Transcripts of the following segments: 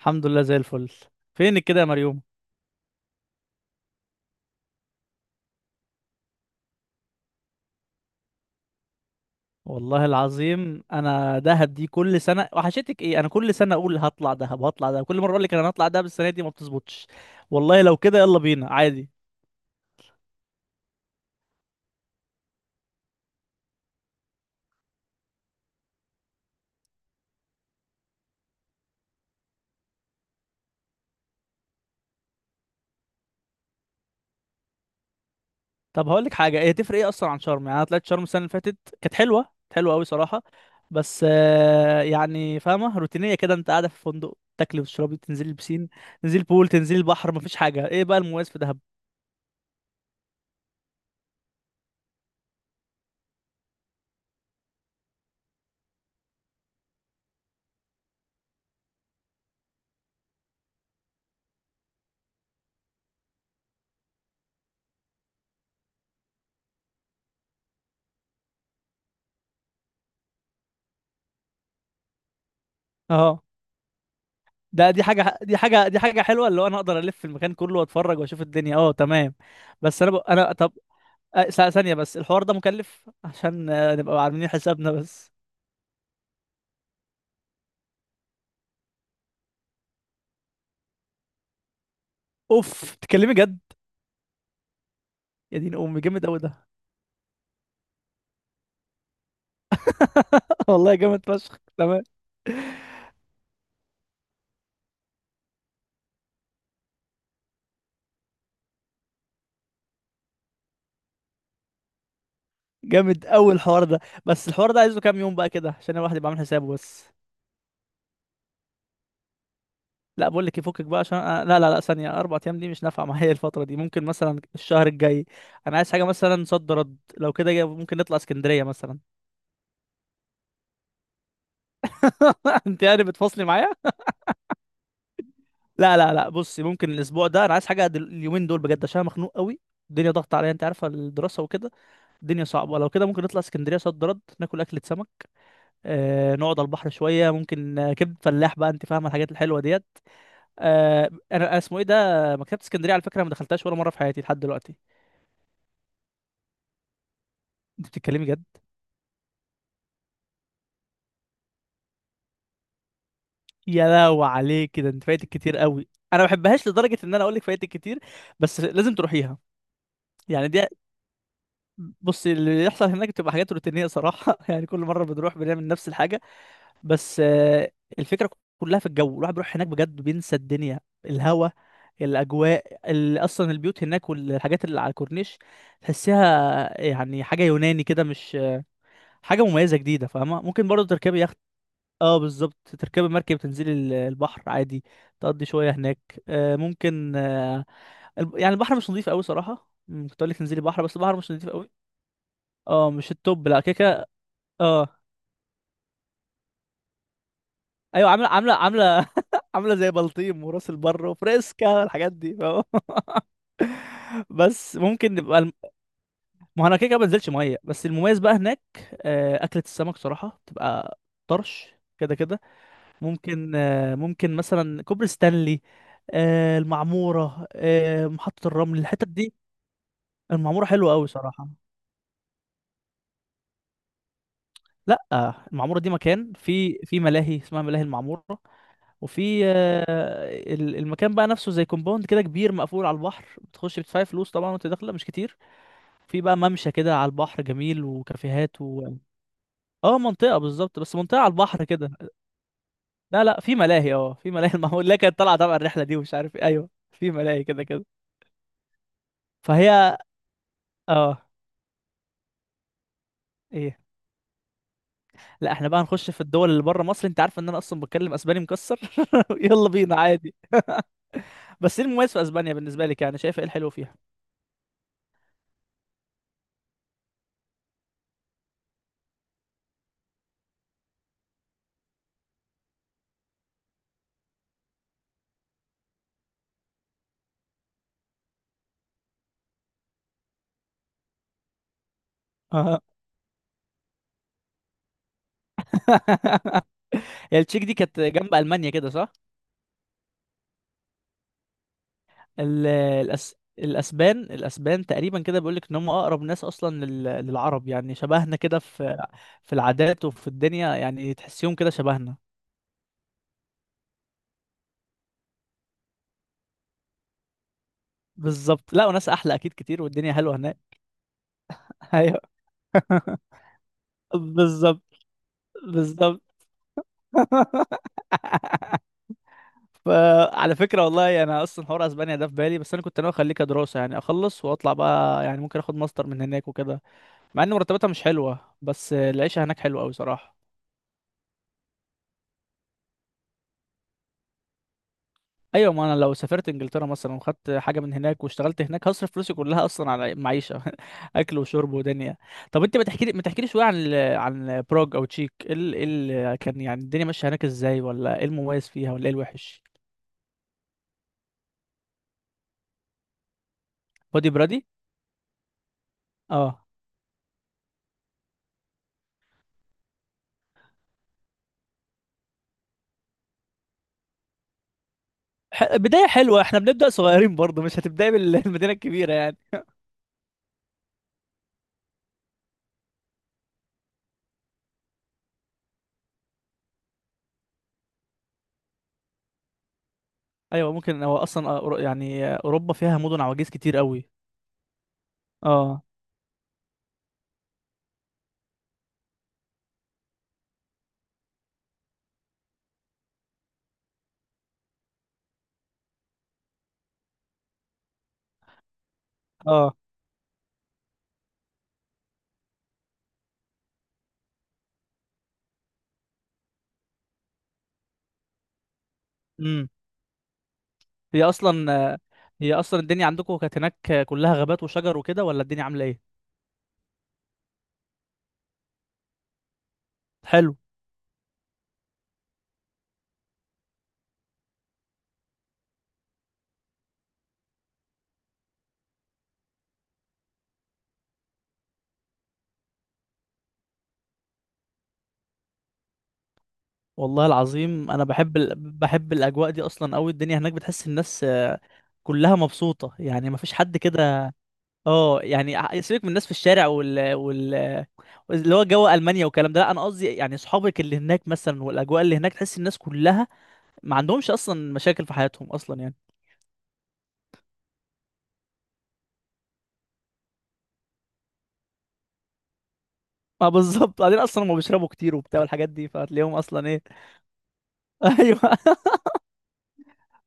الحمد لله زي الفل. فينك كده يا مريوم؟ والله العظيم انا دهب دي كل سنه وحشتك ايه، انا كل سنه اقول هطلع دهب هطلع دهب، كل مره اقول لك انا هطلع دهب السنه دي ما بتظبطش. والله لو كده يلا بينا عادي. طب هقول لك حاجه، هي تفرق ايه اصلا عن شرم؟ يعني انا طلعت شرم السنه اللي فاتت، كانت حلوه كانت حلوه قوي صراحه. بس يعني فاهمه روتينيه كده، انت قاعده في فندق تاكلي وتشربي تنزلي البسين تنزلي البول تنزلي البحر، مفيش حاجه. ايه بقى المميز في دهب؟ اه، ده دي حاجة حلوة، اللي هو انا اقدر الف في المكان كله واتفرج واشوف الدنيا. اه تمام. بس انا طب، ثانية بس. الحوار ده مكلف، عشان نبقى عاملين حسابنا بس. اوف، تكلمي جد؟ يا دين امي، جامد قوي ده. والله جامد فشخ تمام. جامد قوي الحوار ده. بس الحوار ده عايزه كام يوم بقى كده، عشان الواحد يبقى عامل حسابه بس؟ لا، بقول لك يفكك بقى، عشان لا لا لا ثانية، أربع أيام دي مش نافعة معايا، الفترة دي ممكن مثلا الشهر الجاي. أنا عايز حاجة مثلا صد رد، لو كده ممكن نطلع اسكندرية مثلا. انت يعني بتفصلي معايا؟ لا لا لا، بصي، ممكن الاسبوع ده، انا عايز حاجه اليومين دول بجد، عشان انا مخنوق قوي. الدنيا ضغط عليا، انت عارفه الدراسه وكده. الدنيا صعبه. لو كده ممكن نطلع اسكندريه صد رد، ناكل اكله سمك، آه نقعد على البحر شويه، ممكن كبد فلاح بقى، انت فاهمه الحاجات الحلوه ديت. آه، انا اسمه ايه ده، مكتبه اسكندريه على فكره ما دخلتهاش ولا مره في حياتي لحد دلوقتي. انت بتتكلمي جد؟ يا لو عليك كده، انت فايتك كتير قوي. انا ما بحبهاش، لدرجه ان انا اقول لك فايتك كتير، بس لازم تروحيها. يعني دي، بص اللي يحصل هناك، بتبقى حاجات روتينية صراحة. يعني كل مرة بنروح بنعمل نفس الحاجة. بس الفكرة كلها في الجو. الواحد بيروح هناك بجد بينسى الدنيا. الهوا، الأجواء، أصلا البيوت هناك والحاجات اللي على الكورنيش، تحسيها يعني حاجة يوناني كده، مش حاجة مميزة جديدة فاهمة. ممكن برضه تركبي يخت. اه بالظبط، تركبي مركب تنزلي البحر عادي، تقضي شوية هناك، ممكن يعني البحر مش نظيف قوي صراحة. كنت أقول لك تنزلي بحر بس البحر مش نظيف قوي. اه مش التوب لا، كده كده. اه ايوه، عامله عامله زي بلطيم وراس البر وفريسكا، الحاجات دي فاهم؟ بس ممكن نبقى ما هو انا كده كده ما بنزلش ميه. بس المميز بقى هناك، اكله السمك صراحه بتبقى طرش كده كده. ممكن ممكن مثلا كوبري ستانلي، المعموره، محطه الرمل، الحتت دي. المعموره حلوه قوي صراحه. لا، المعموره دي مكان في ملاهي، اسمها ملاهي المعموره. وفي المكان بقى نفسه زي كومباوند كده كبير مقفول على البحر، بتخش بتدفعي فلوس طبعا وانت داخله مش كتير. في بقى ممشى كده على البحر جميل وكافيهات و... اه منطقه، بالظبط، بس منطقه على البحر كده. لا لا، في ملاهي، اه في ملاهي. المعمول، لا كانت طالعه تبع الرحله دي ومش عارف ايه، ايوه في ملاهي كده كده. فهي اه. ايه؟ لا احنا بقى هنخش في الدول اللي بره مصر؟ انت عارف ان انا اصلا بتكلم اسباني مكسر. يلا بينا عادي. بس ايه المميز في اسبانيا بالنسبه لك؟ يعني شايفه ايه الحلو فيها؟ اه. هي التشيك دي كانت جنب المانيا كده، صح؟ الاسبان الاسبان تقريبا كده بيقول لك ان هم اقرب ناس اصلا للعرب، يعني شبهنا كده في في العادات وفي الدنيا، يعني تحسيهم كده شبهنا. بالظبط. لا وناس احلى اكيد كتير، والدنيا حلوه هناك. ايوه بالظبط بالظبط. فعلى فكره والله انا اصلا حوار اسبانيا ده في بالي، بس انا كنت ناوي اخليه كدراسه، يعني اخلص واطلع بقى، يعني ممكن اخد ماستر من هناك وكده. مع ان مرتباتها مش حلوه بس العيشه هناك حلوه قوي صراحه. ايوه، ما انا لو سافرت انجلترا مثلا وخدت حاجه من هناك واشتغلت هناك، هصرف فلوسي كلها اصلا على معيشه. اكل وشرب ودنيا. طب انت ما تحكي لي شويه عن عن بروج او تشيك، ايه كان يعني الدنيا ماشيه هناك ازاي، ولا ايه المميز فيها، ولا ايه الوحش؟ بودي برادي؟ اه، بدايه حلوه، احنا بنبدا صغيرين برضه، مش هتبداي بالمدينه الكبيره يعني. ايوه. ممكن هو اصلا يعني اوروبا فيها مدن عواجيز كتير قوي. اه. اه. هي اصلا هي اصلا الدنيا عندكم كانت هناك كلها غابات وشجر وكده، ولا الدنيا عامله ايه؟ حلو. والله العظيم انا بحب بحب الاجواء دي اصلا قوي. الدنيا هناك بتحس الناس كلها مبسوطه، يعني ما فيش حد كده. اه، يعني سيبك من الناس في الشارع اللي هو جو المانيا والكلام ده، لا انا قصدي يعني اصحابك اللي هناك مثلا والاجواء اللي هناك، تحس الناس كلها ما عندهمش اصلا مشاكل في حياتهم اصلا يعني. ما بالظبط، بعدين اصلا هم بيشربوا كتير وبتاع الحاجات دي، فهتلاقيهم اصلا ايه. ايوه.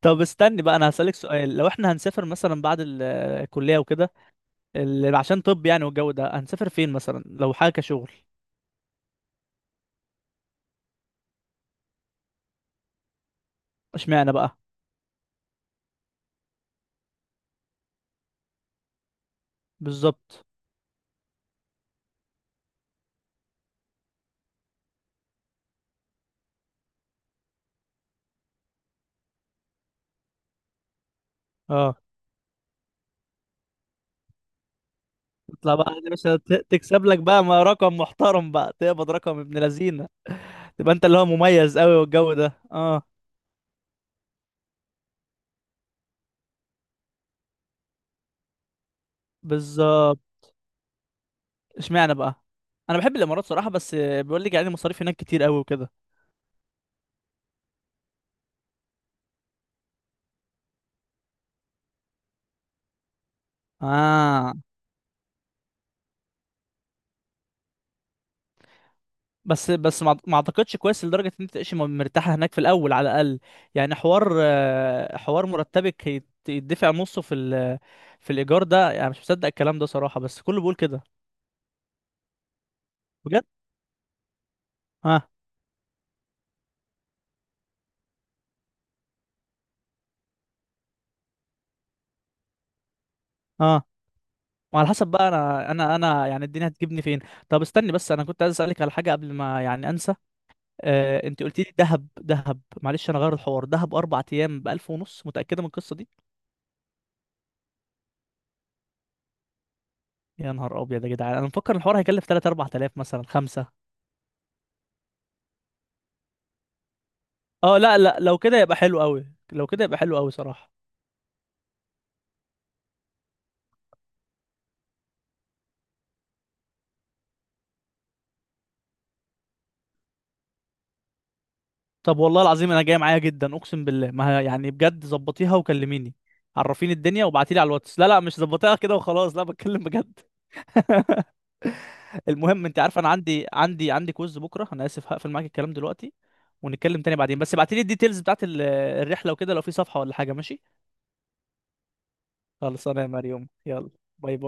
طب استني بقى، انا هسألك سؤال. لو احنا هنسافر مثلا بعد الكلية وكده، عشان طب يعني والجو ده، هنسافر فين مثلا لو حاجة كشغل؟ اشمعنى بقى؟ بالظبط. اه تطلع بقى يا باشا، تكسب لك بقى ما رقم محترم بقى، تقبض رقم ابن لذينه. تبقى انت اللي هو مميز قوي، والجو ده اه. بالظبط. اشمعنى بقى؟ انا بحب الامارات صراحة، بس بيقول لك يعني المصاريف هناك كتير قوي وكده. اه. بس بس ما اعتقدش كويس لدرجه ان انت تعيش مرتاحه هناك في الاول على الاقل. يعني حوار حوار مرتبك يدفع نصه في في الايجار ده، يعني مش مصدق الكلام ده صراحه، بس كله بيقول كده. بجد. اه. اه وعلى حسب بقى، انا يعني الدنيا هتجيبني فين. طب استني بس، انا كنت عايز اسالك على حاجه قبل ما يعني انسى. آه انت قلت لي دهب، دهب معلش انا غير الحوار، دهب اربع ايام ب 1,000 ونص، متاكده من القصه دي؟ يا نهار ابيض يا جدعان، انا مفكر الحوار هيكلف 3 4000 مثلا خمسة. اه لا لا، لو كده يبقى حلو قوي. لو كده يبقى حلو قوي صراحة. طب والله العظيم انا جاي معايا جدا، اقسم بالله. ما هي، يعني بجد ظبطيها وكلميني، عرفيني الدنيا وابعتيلي على الواتس. لا لا، مش ظبطيها كده وخلاص، لا بتكلم بجد. المهم انت عارف انا عندي كوز بكرة، انا اسف هقفل معاك الكلام دلوقتي، ونتكلم تاني بعدين. بس ابعتيلي الديتيلز بتاعت الرحلة وكده، لو في صفحة ولا حاجة، ماشي؟ خلاص انا يا مريم، يلا. باي باي.